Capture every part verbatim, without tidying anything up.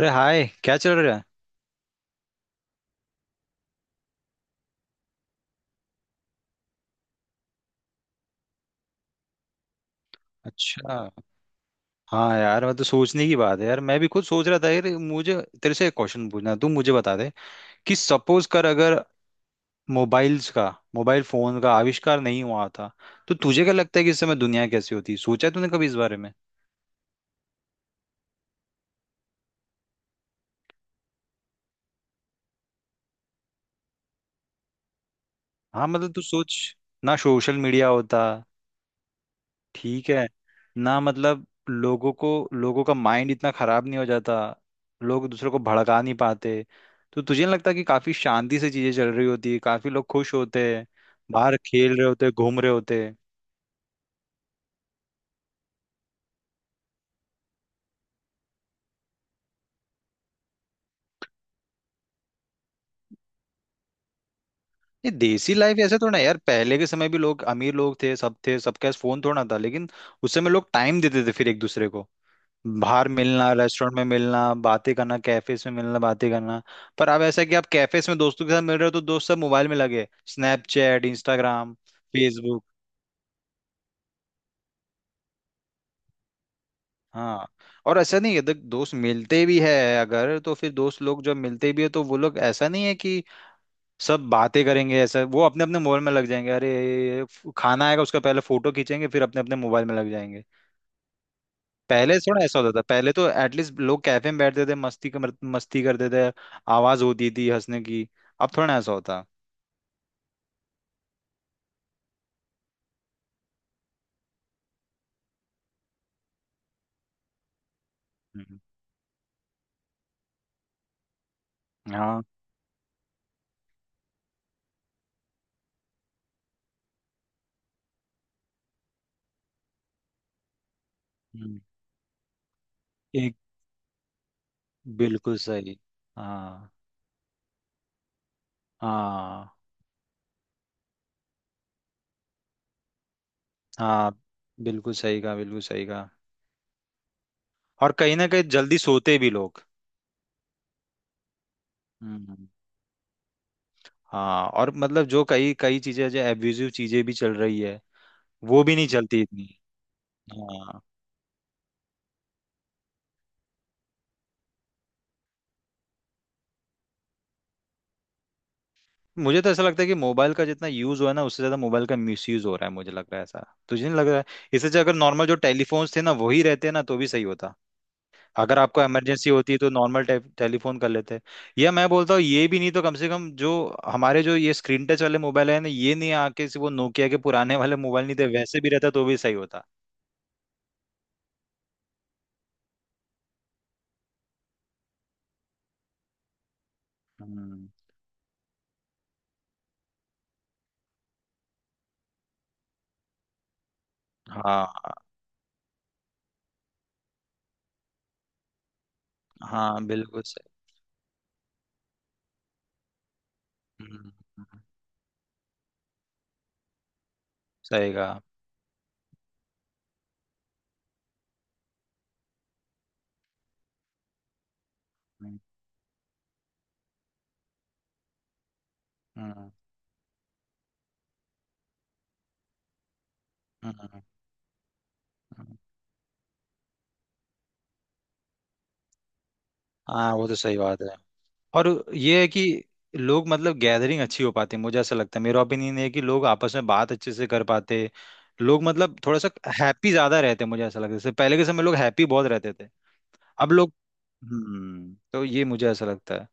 अरे हाय, क्या चल रहा है? अच्छा। हाँ यार, मैं तो सोचने की बात है यार, मैं भी खुद सोच रहा था यार। मुझे तेरे से एक क्वेश्चन पूछना है, तू मुझे बता दे कि सपोज कर अगर मोबाइल्स का मोबाइल फोन का आविष्कार नहीं हुआ था तो तुझे क्या लगता है कि इस समय दुनिया कैसी होती? सोचा है तूने कभी इस बारे में? हाँ मतलब तू सोच ना, सोशल मीडिया होता। ठीक है ना, मतलब लोगों को, लोगों का माइंड इतना खराब नहीं हो जाता। लोग दूसरों को भड़का नहीं पाते। तो तुझे नहीं लगता कि काफी शांति से चीजें चल रही होती है, काफी लोग खुश होते हैं, बाहर खेल रहे होते हैं, घूम रहे होते हैं। ये देसी लाइफ ऐसे थोड़ा ना है यार, पहले के समय भी लोग, अमीर लोग थे, सब थे, सबके पास फोन थोड़ा ना था, लेकिन उस समय लोग टाइम देते थे फिर एक दूसरे को। बाहर मिलना, रेस्टोरेंट में मिलना बातें करना, कैफेज में मिलना बातें करना। पर अब ऐसा है कि आप कैफेज में दोस्तों के साथ मिल रहे हो तो दोस्त सब मोबाइल में लगे, स्नैपचैट, इंस्टाग्राम, फेसबुक। हाँ, और ऐसा नहीं है, देख, दोस्त मिलते भी है, अगर तो फिर दोस्त लोग जब मिलते भी है तो वो लोग ऐसा नहीं है कि सब बातें करेंगे, ऐसा, वो अपने अपने मोबाइल में लग जाएंगे। अरे, खाना आएगा उसका पहले फोटो खींचेंगे, फिर अपने अपने मोबाइल में लग जाएंगे। पहले थोड़ा ऐसा होता था, पहले तो एटलीस्ट लोग कैफे में बैठते थे, मस्ती कर मस्ती करते थे, आवाज होती थी हंसने की। अब थोड़ा ना ऐसा होता। हम्म। हाँ। हम्म। एक, बिल्कुल सही। हाँ। हाँ। हाँ, बिल्कुल सही कहा, बिल्कुल सही कहा। और कहीं ना कहीं जल्दी सोते भी लोग। हम्म। हाँ, और मतलब जो कई कई चीजें, जो एब्यूजिव चीजें भी चल रही है, वो भी नहीं चलती इतनी। हाँ, मुझे तो ऐसा लगता है कि मोबाइल का जितना यूज हुआ है ना, उससे ज्यादा मोबाइल का मिसयूज हो रहा है, मुझे लग रहा है ऐसा। तुझे नहीं लग रहा है? इससे अच्छा अगर नॉर्मल जो टेलीफोन्स थे ना वही रहते ना तो भी सही होता। अगर आपको इमरजेंसी होती है तो नॉर्मल टेलीफोन कर लेते, या मैं बोलता हूँ ये भी नहीं तो कम से कम जो हमारे जो ये स्क्रीन टच वाले मोबाइल है ना, ये नहीं आके सिर्फ वो नोकिया के पुराने वाले मोबाइल नहीं थे, वैसे भी रहता तो भी सही होता। हम्म। हाँ। हाँ, बिल्कुल सही। हम्म। हम्म, सही कहा। हम्म। हम्म। हम्म। हम्म। हाँ, वो तो सही बात है। और ये है कि लोग मतलब गैदरिंग अच्छी हो पाती है, मुझे ऐसा लगता है, मेरा ओपिनियन है कि लोग आपस में बात अच्छे से कर पाते। लोग मतलब थोड़ा सा हैप्पी ज्यादा रहते हैं, मुझे ऐसा लगता है, जैसे पहले के समय लोग हैप्पी बहुत रहते थे, अब लोग। हम्म, तो ये मुझे ऐसा लगता है।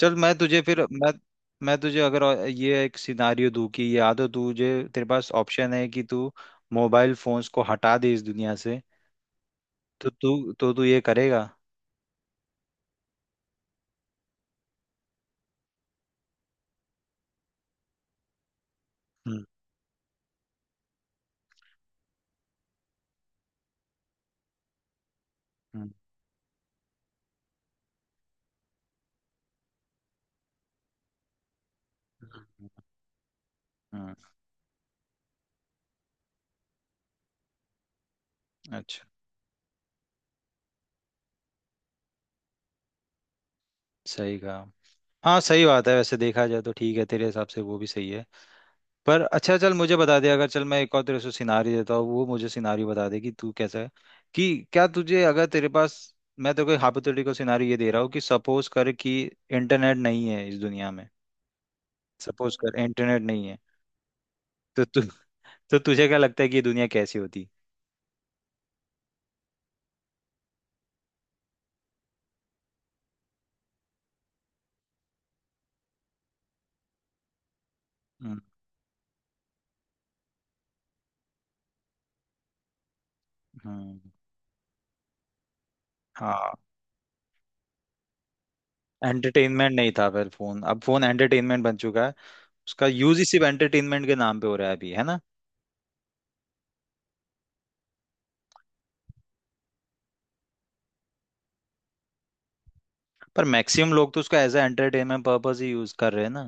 चल, मैं तुझे फिर मैं मैं तुझे अगर ये एक सिनारियो दूं कि या तो तुझे, तेरे पास ऑप्शन है कि तू मोबाइल फोन्स को हटा दे इस दुनिया से, तो तू तो तू ये करेगा? हम्म। हम्म। हम्म। हम्म। अच्छा, सही कहा। हाँ, सही बात है, वैसे देखा जाए तो ठीक है, तेरे हिसाब से वो भी सही है। पर अच्छा, चल मुझे बता दे, अगर चल मैं एक और तेरे से सिनारी देता हूँ, वो मुझे सिनारी बता दे कि तू कैसा है, कि क्या तुझे अगर तेरे पास, मैं तो कोई हाइपोथेटिकल सिनारी ये दे रहा हूँ कि सपोज कर कि इंटरनेट नहीं है इस दुनिया में। सपोज कर इंटरनेट नहीं है। तो तु, तो तुझे क्या लगता है कि ये दुनिया कैसी होती? हम्म। हम्म। हाँ, एंटरटेनमेंट नहीं था फिर फोन, अब फोन एंटरटेनमेंट बन चुका है। उसका यूज ही सिर्फ एंटरटेनमेंट के नाम पे हो रहा है अभी, है ना? पर मैक्सिमम लोग तो उसको एज ए एंटरटेनमेंट पर्पज ही यूज कर रहे हैं ना?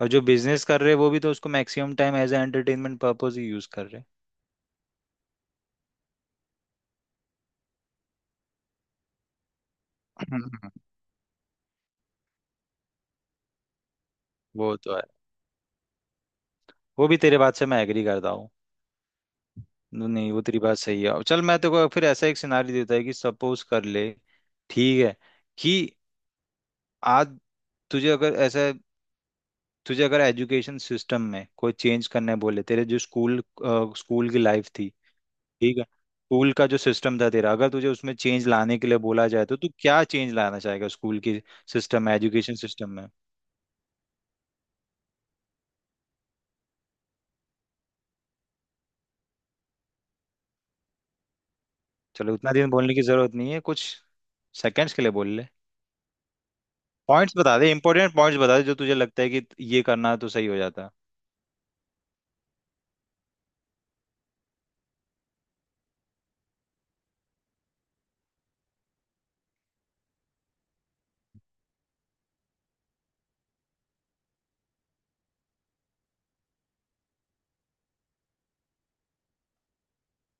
और जो बिजनेस कर रहे हैं वो भी तो उसको maximum time as a entertainment purpose ही यूज कर रहे हैं। हम्म। वो तो है, वो भी तेरे बात से मैं एग्री करता हूँ। नहीं, वो तेरी बात सही है। अब चल, मैं तेको फिर ऐसा एक सिनारी देता है कि सपोज कर ले, ठीक है, कि आज, तुझे अगर ऐसा तुझे अगर एजुकेशन सिस्टम में कोई चेंज करने बोले, तेरे जो स्कूल स्कूल की लाइफ थी, ठीक है, स्कूल का जो सिस्टम था तेरा, अगर तुझे उसमें चेंज लाने के लिए बोला जाए, तो तू क्या चेंज लाना चाहेगा स्कूल की सिस्टम में, एजुकेशन सिस्टम में? चलो उतना दिन बोलने की जरूरत नहीं है, कुछ सेकंड्स के लिए बोल ले, पॉइंट्स बता दे, इंपॉर्टेंट पॉइंट्स बता दे जो तुझे लगता है कि ये करना तो सही हो जाता।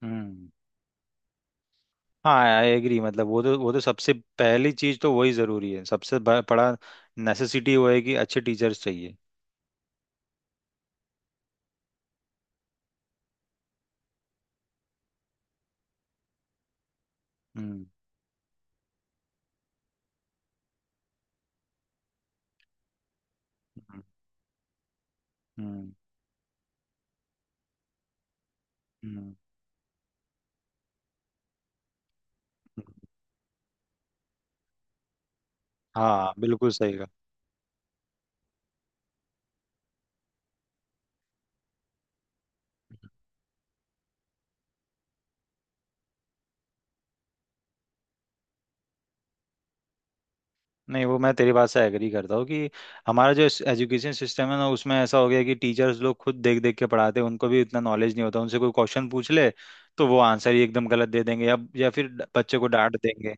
हम्म। हाँ, आई एग्री, मतलब वो तो, वो तो सबसे पहली चीज तो वही जरूरी है, सबसे ब- बड़ा नेसेसिटी वो है कि अच्छे टीचर्स चाहिए। हम्म। हम्म। हम्म। हम्म। हम्म। हाँ, बिल्कुल सही कहा। नहीं, वो मैं तेरी बात से एग्री करता हूँ कि हमारा जो एजुकेशन सिस्टम है ना, उसमें ऐसा हो गया कि टीचर्स लोग खुद देख देख के पढ़ाते हैं, उनको भी इतना नॉलेज नहीं होता, उनसे कोई क्वेश्चन पूछ ले तो वो आंसर ही एकदम गलत दे देंगे, या या फिर ड- बच्चे को डांट देंगे।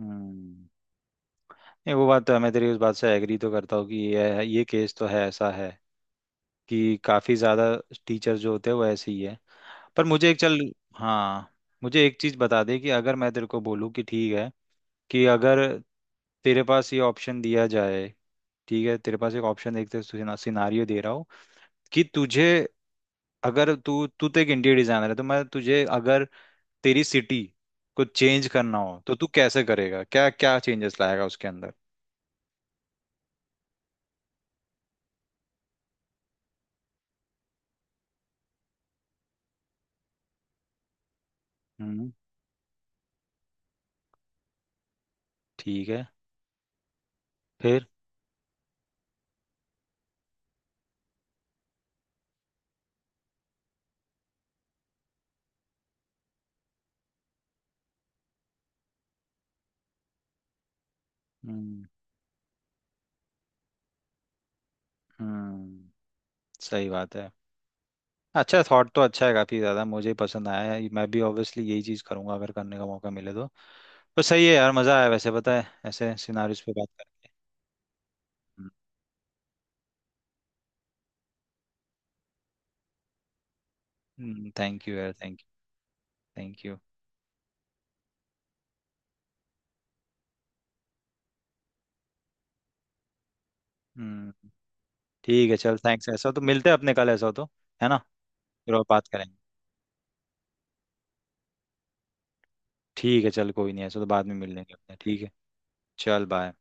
हम्म। नहीं, वो बात तो है, मैं तेरी उस बात से एग्री तो करता हूँ कि ये ये केस तो है, ऐसा है कि काफ़ी ज़्यादा टीचर जो होते हैं वो ऐसे ही है। पर मुझे एक, चल, हाँ, मुझे एक चीज़ बता दे कि अगर मैं तेरे को बोलूँ कि ठीक है, कि अगर तेरे पास ये ऑप्शन दिया जाए, ठीक है, तेरे पास एक ऑप्शन, देखते, सिनारियो दे रहा हूँ कि तुझे, अगर तू तू तो एक इंटीरियर डिजाइनर है, तो मैं तुझे अगर तेरी सिटी को चेंज करना हो तो तू कैसे करेगा, क्या क्या चेंजेस लाएगा उसके अंदर? हम्म। ठीक है, फिर? हम्म। हम्म, सही बात है। अच्छा थॉट तो अच्छा है, काफी ज्यादा मुझे पसंद आया है, मैं भी ऑब्वियसली यही चीज करूंगा अगर करने का मौका मिले तो। पर सही है यार, मजा आया, वैसे पता है ऐसे सिनारियोस पे बात कर। थैंक यू यार, थैंक यू, थैंक यू। हम्म। ठीक है, चल, थैंक्स, ऐसा हो तो मिलते हैं अपने कल, ऐसा हो तो, है ना? फिर और बात करेंगे। ठीक है, चल, कोई नहीं, ऐसा हो तो बाद में मिल लेंगे अपने, ठीक है। चल बाय।